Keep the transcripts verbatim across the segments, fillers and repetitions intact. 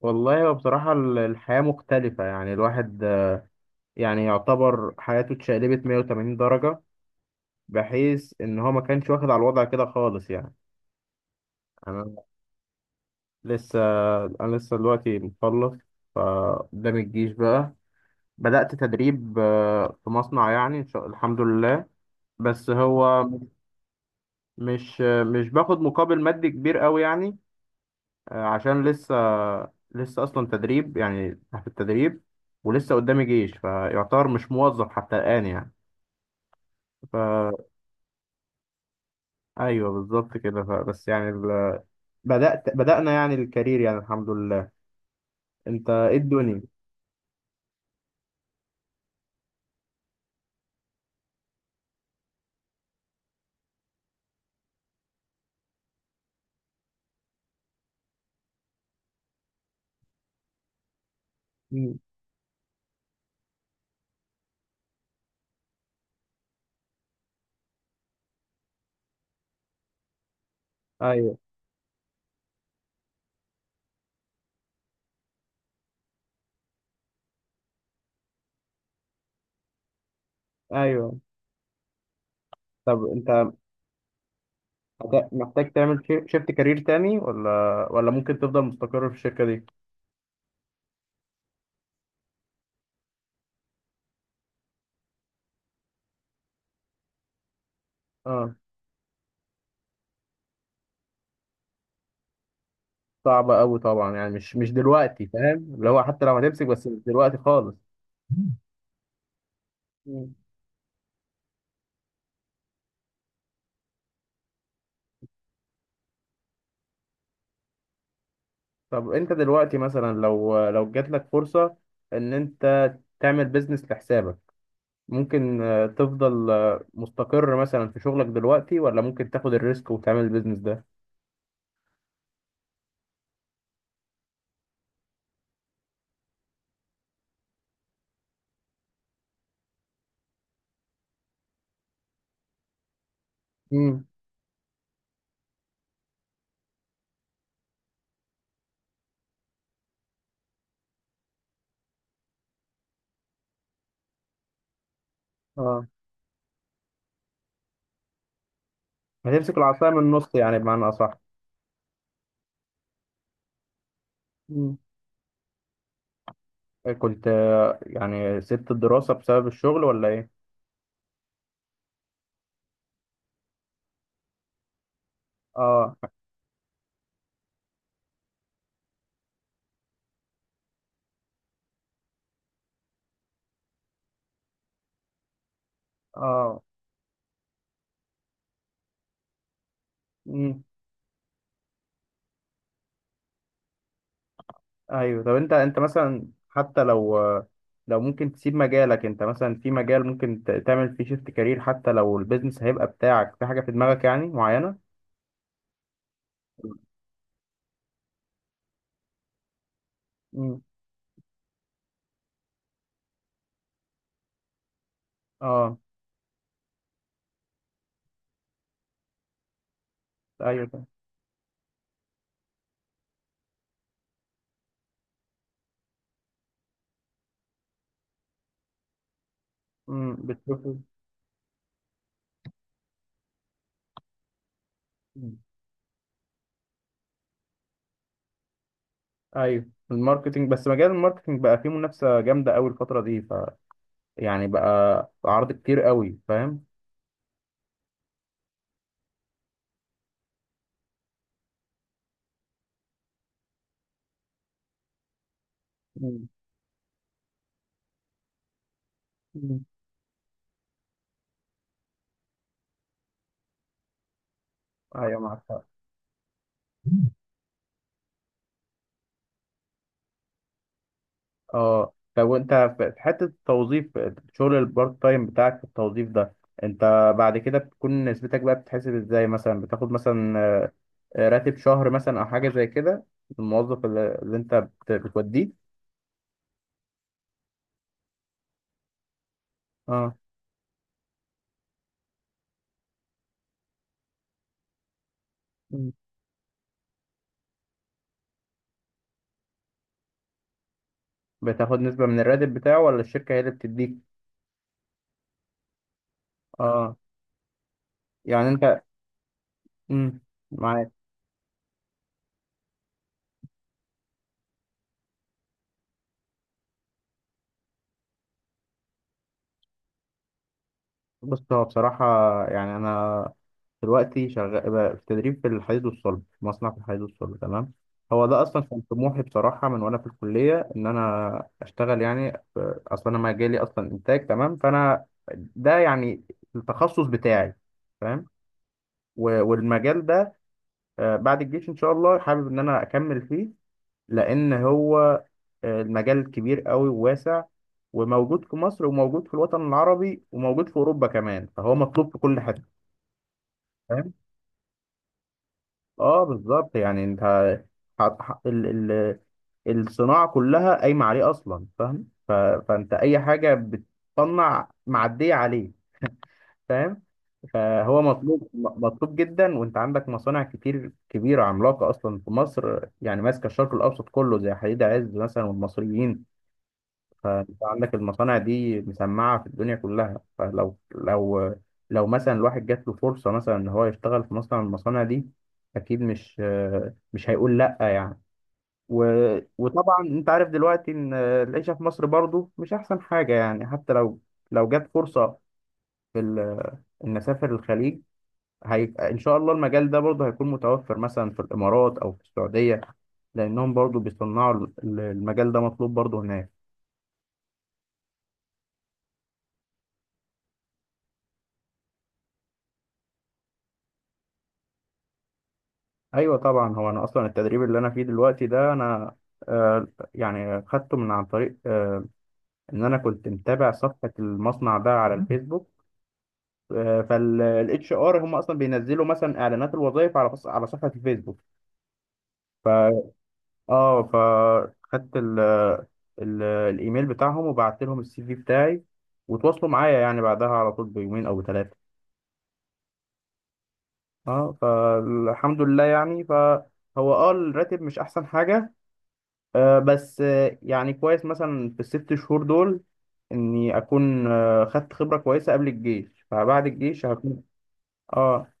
والله هو بصراحة ال- الحياة مختلفة، يعني الواحد، آه، يعني يعتبر حياته اتشقلبت مية وتمانين درجة، بحيث إن هو ما كانش واخد على الوضع كده خالص يعني. أنا لسه أنا لسه دلوقتي مخلص. فقدام الجيش بقى، بدأت تدريب آه، في مصنع، يعني إن شاء الحمد لله. بس هو مش آه، مش باخد مقابل مادي كبير قوي يعني. آه، عشان لسه، لسه أصلا تدريب يعني تحت التدريب. ولسه قدامي جيش، فيعتبر مش موظف حتى الآن يعني. فا ايوه، بالظبط كده. ف... بس يعني ال... بدأت بدأنا يعني الكارير، يعني الحمد لله. انت ايه الدنيا؟ مم. ايوه، ايوه. طب انت محت- محتاج تعمل شي- شيفت كارير تاني، ولا ولا ممكن تفضل مستقر في الشركة دي؟ اه، صعبة قوي طبعا يعني. مش مش دلوقتي، فاهم؟ اللي هو حتى لو هتمسك بس مش دلوقتي خالص. مم. مم. طب انت دلوقتي مثلا، لو لو جات لك فرصة ان انت تعمل بيزنس لحسابك، ممكن آه، تفضل آه، مستقر مثلا في شغلك دلوقتي، ولا ممكن تاخد الريسك وتعمل البيزنس ده؟ امم. اه. هتمسك العصاية من النص يعني، بمعنى أصح. امم كنت آه، يعني سبت الدراسة بسبب الشغل ولا إيه؟ اه، اه. امم أيوه. طب أنت أنت مثلا، حتى لو آه، لو ممكن تسيب مجالك، أنت مثلا في مجال ممكن ت- تعمل فيه شيفت كارير، حتى لو البيزنس هيبقى بتاعك في حاجة في دماغك يعني معينة؟ امم. أه. أيوه. امم بتشوف. ايوه. الماركتينج، بس مجال الماركتينج بقى فيه منافسه جامده قوي الفتره دي. ف يعني بقى عرض كتير قوي، فاهم. مم. مم. ايوه معاك حق. اه. طب وانت، في في حته التوظيف، شغل البارت تايم بتاعك في التوظيف ده، انت بعد كده بتكون نسبتك بقى بتتحسب ازاي؟ مثلا بتاخد مثلا آه، راتب شهر مثلا او حاجه زي كده، الموظف اللي اللي انت بت- بتوديه؟ اه. مم. بتاخد نسبه من الراتب بتاعه ولا الشركه هي اللي بتديك؟ اه. يعني انت. امم. بص، هو بصراحة، يعني أنا دلوقتي شغال بقى في تدريب في الحديد والصلب، في مصنع في الحديد والصلب، تمام. هو ده أصلا كان طموحي بصراحة من وأنا في الكلية، إن أنا أشتغل يعني في- أصلا أنا مجالي أصلا إنتاج، تمام. فأنا ده يعني التخصص بتاعي، فاهم. و- والمجال ده آه، بعد الجيش إن شاء الله حابب إن أنا أكمل فيه. لأن هو آه، المجال كبير قوي وواسع، وموجود في مصر، وموجود في الوطن العربي، وموجود في أوروبا كمان، فهو مطلوب في كل حتة، فاهم. اه، بالظبط يعني. انت ح- ح- ال ال الصناعه كلها قايمه عليه اصلا، فاهم. ف- فانت اي حاجه بتصنع معديه عليه، فاهم. فهو مطلوب، م- مطلوب جدا. وانت عندك مصانع كتير كبيره، عملاقه اصلا في مصر، يعني ماسكه الشرق الاوسط كله، زي حديد عز مثلا والمصريين. فانت عندك المصانع دي مسمعة في الدنيا كلها. فلو لو لو مثلا الواحد جات له فرصة مثلا ان هو يشتغل في مصنع من المصانع دي، اكيد مش مش هيقول لا يعني. و... وطبعا انت عارف دلوقتي ان العيشة في مصر برضو مش احسن حاجة يعني، حتى لو لو جت فرصة في ال... ان اسافر الخليج. هي... ان شاء الله المجال ده برضو هيكون متوفر مثلا في الامارات او في السعودية، لانهم برضو بيصنعوا ال- المجال ده مطلوب برضو هناك. ايوه طبعا. هو انا اصلا التدريب اللي انا فيه دلوقتي ده، انا آه يعني خدته من عن طريق آه ان انا كنت متابع صفحه المصنع ده على الفيسبوك. آه فالاتش ار هم اصلا بينزلوا مثلا اعلانات الوظائف على بص- على صفحه الفيسبوك. ف اه. فخدت ال ال الايميل بتاعهم وبعت لهم السي في بتاعي، وتواصلوا معايا يعني بعدها على طول بيومين او ثلاثه. اه، فالحمد لله يعني. فهو اه الراتب مش احسن حاجه، آه، بس آه، يعني كويس مثلا في الست شهور دول، اني اكون آه، خدت خبره كويسه قبل الجيش، فبعد الجيش هكون. اه،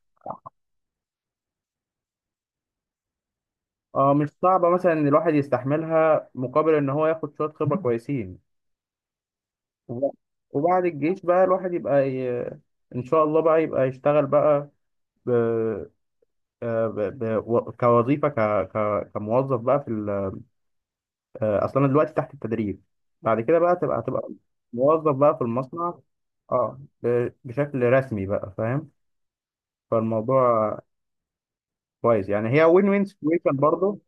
اه. مش صعبه مثلا ان الواحد يستحملها، مقابل ان هو ياخد شويه خبره كويسين. وب- وبعد الجيش بقى الواحد يبقى ي... ان شاء الله بقى يبقى يشتغل بقى ب... آه، ب... ب... و- كوظيفه ك... ك... كموظف بقى في ال... آه، اصل انا دلوقتي تحت التدريب. بعد كده بقى تبقى تبقى موظف بقى في المصنع. اه، ب- بشكل رسمي بقى، فاهم. فالموضوع كويس يعني، هي وين وين سيتويشن برضه.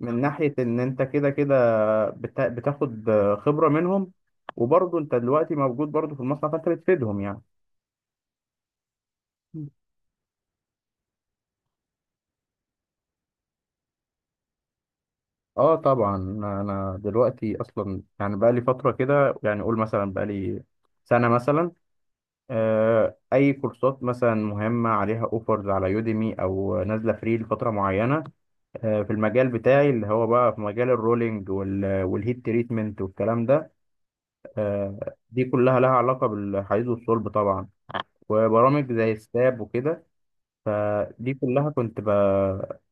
من ناحية إن أنت كده كده، بتا- بتاخد خبرة منهم. وبرضه أنت دلوقتي موجود برضه في المصنع، فأنت بتفيدهم يعني. اه طبعا. أنا دلوقتي أصلا يعني بقى لي فترة كده يعني، قول مثلا بقى لي سنة مثلا، آه، اي كورسات مثلا مهمه عليها اوفرز على يوديمي او نازله فري لفتره معينه، آه، في المجال بتاعي اللي هو بقى في مجال الرولينج وال- والهيت تريتمنت والكلام ده. آه، دي كلها لها علاقه بالحديد والصلب طبعا. وبرامج زي ستاب وكده، فدي كلها كنت ب...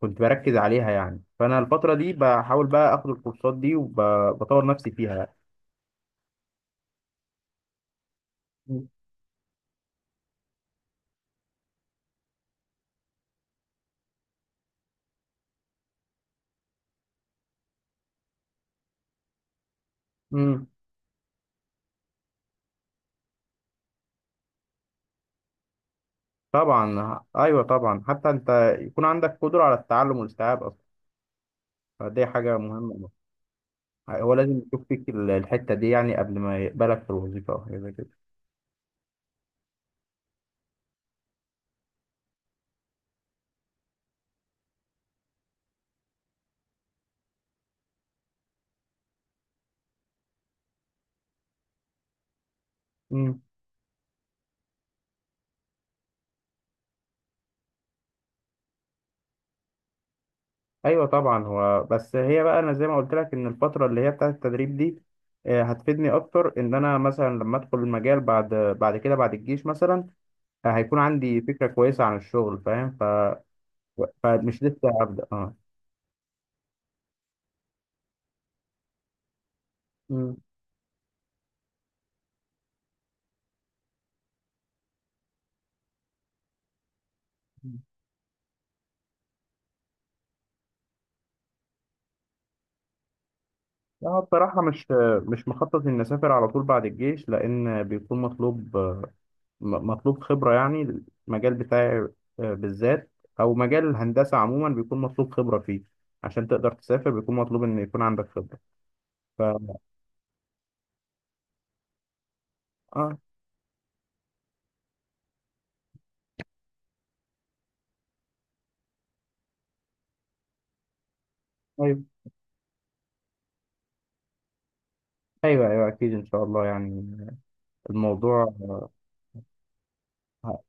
كنت بركز عليها يعني، فانا الفتره دي بحاول بقى اخد الكورسات دي وبطور نفسي فيها يعني. مم. طبعا، ايوه طبعا، حتى انت يكون عندك قدره على التعلم والاستيعاب، فدي حاجة مهمة. هو لازم يشوف فيك ال- الحتة دي يعني، قبل ما يقبلك في الوظيفة أو حاجة زي كده. مم. أيوة طبعا. هو بس هي بقى، أنا زي ما قلت لك إن الفترة اللي هي بتاعة التدريب دي آه، هتفيدني أكتر، إن أنا مثلا لما أدخل المجال بعد بعد كده بعد الجيش مثلا، آه، هيكون عندي فكرة كويسة عن الشغل، فاهم. ف... فمش لسه هبدأ، أه. مم. لا بصراحة، مش مش مخطط إني أسافر على طول بعد الجيش، لأن بيكون مطلوب، م- مطلوب خبرة يعني. المجال بتاعي آه، بالذات، أو مجال الهندسة عموما بيكون مطلوب خبرة فيه، عشان تقدر تسافر بيكون مطلوب إن يكون عندك خبرة. ف آه أيوه، أيوه، أيوه، أكيد إن شاء الله يعني. الموضوع، ه-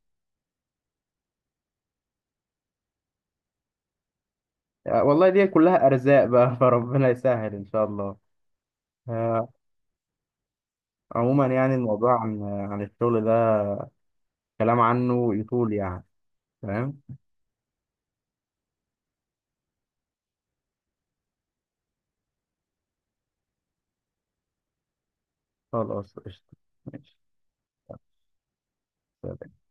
والله دي كلها أرزاق بقى فربنا يسهل إن شاء الله. آه، عموما يعني الموضوع عن عن الشغل ده، كلام عنه يطول يعني. تمام. خلاص قشطة. ماشي. سلام.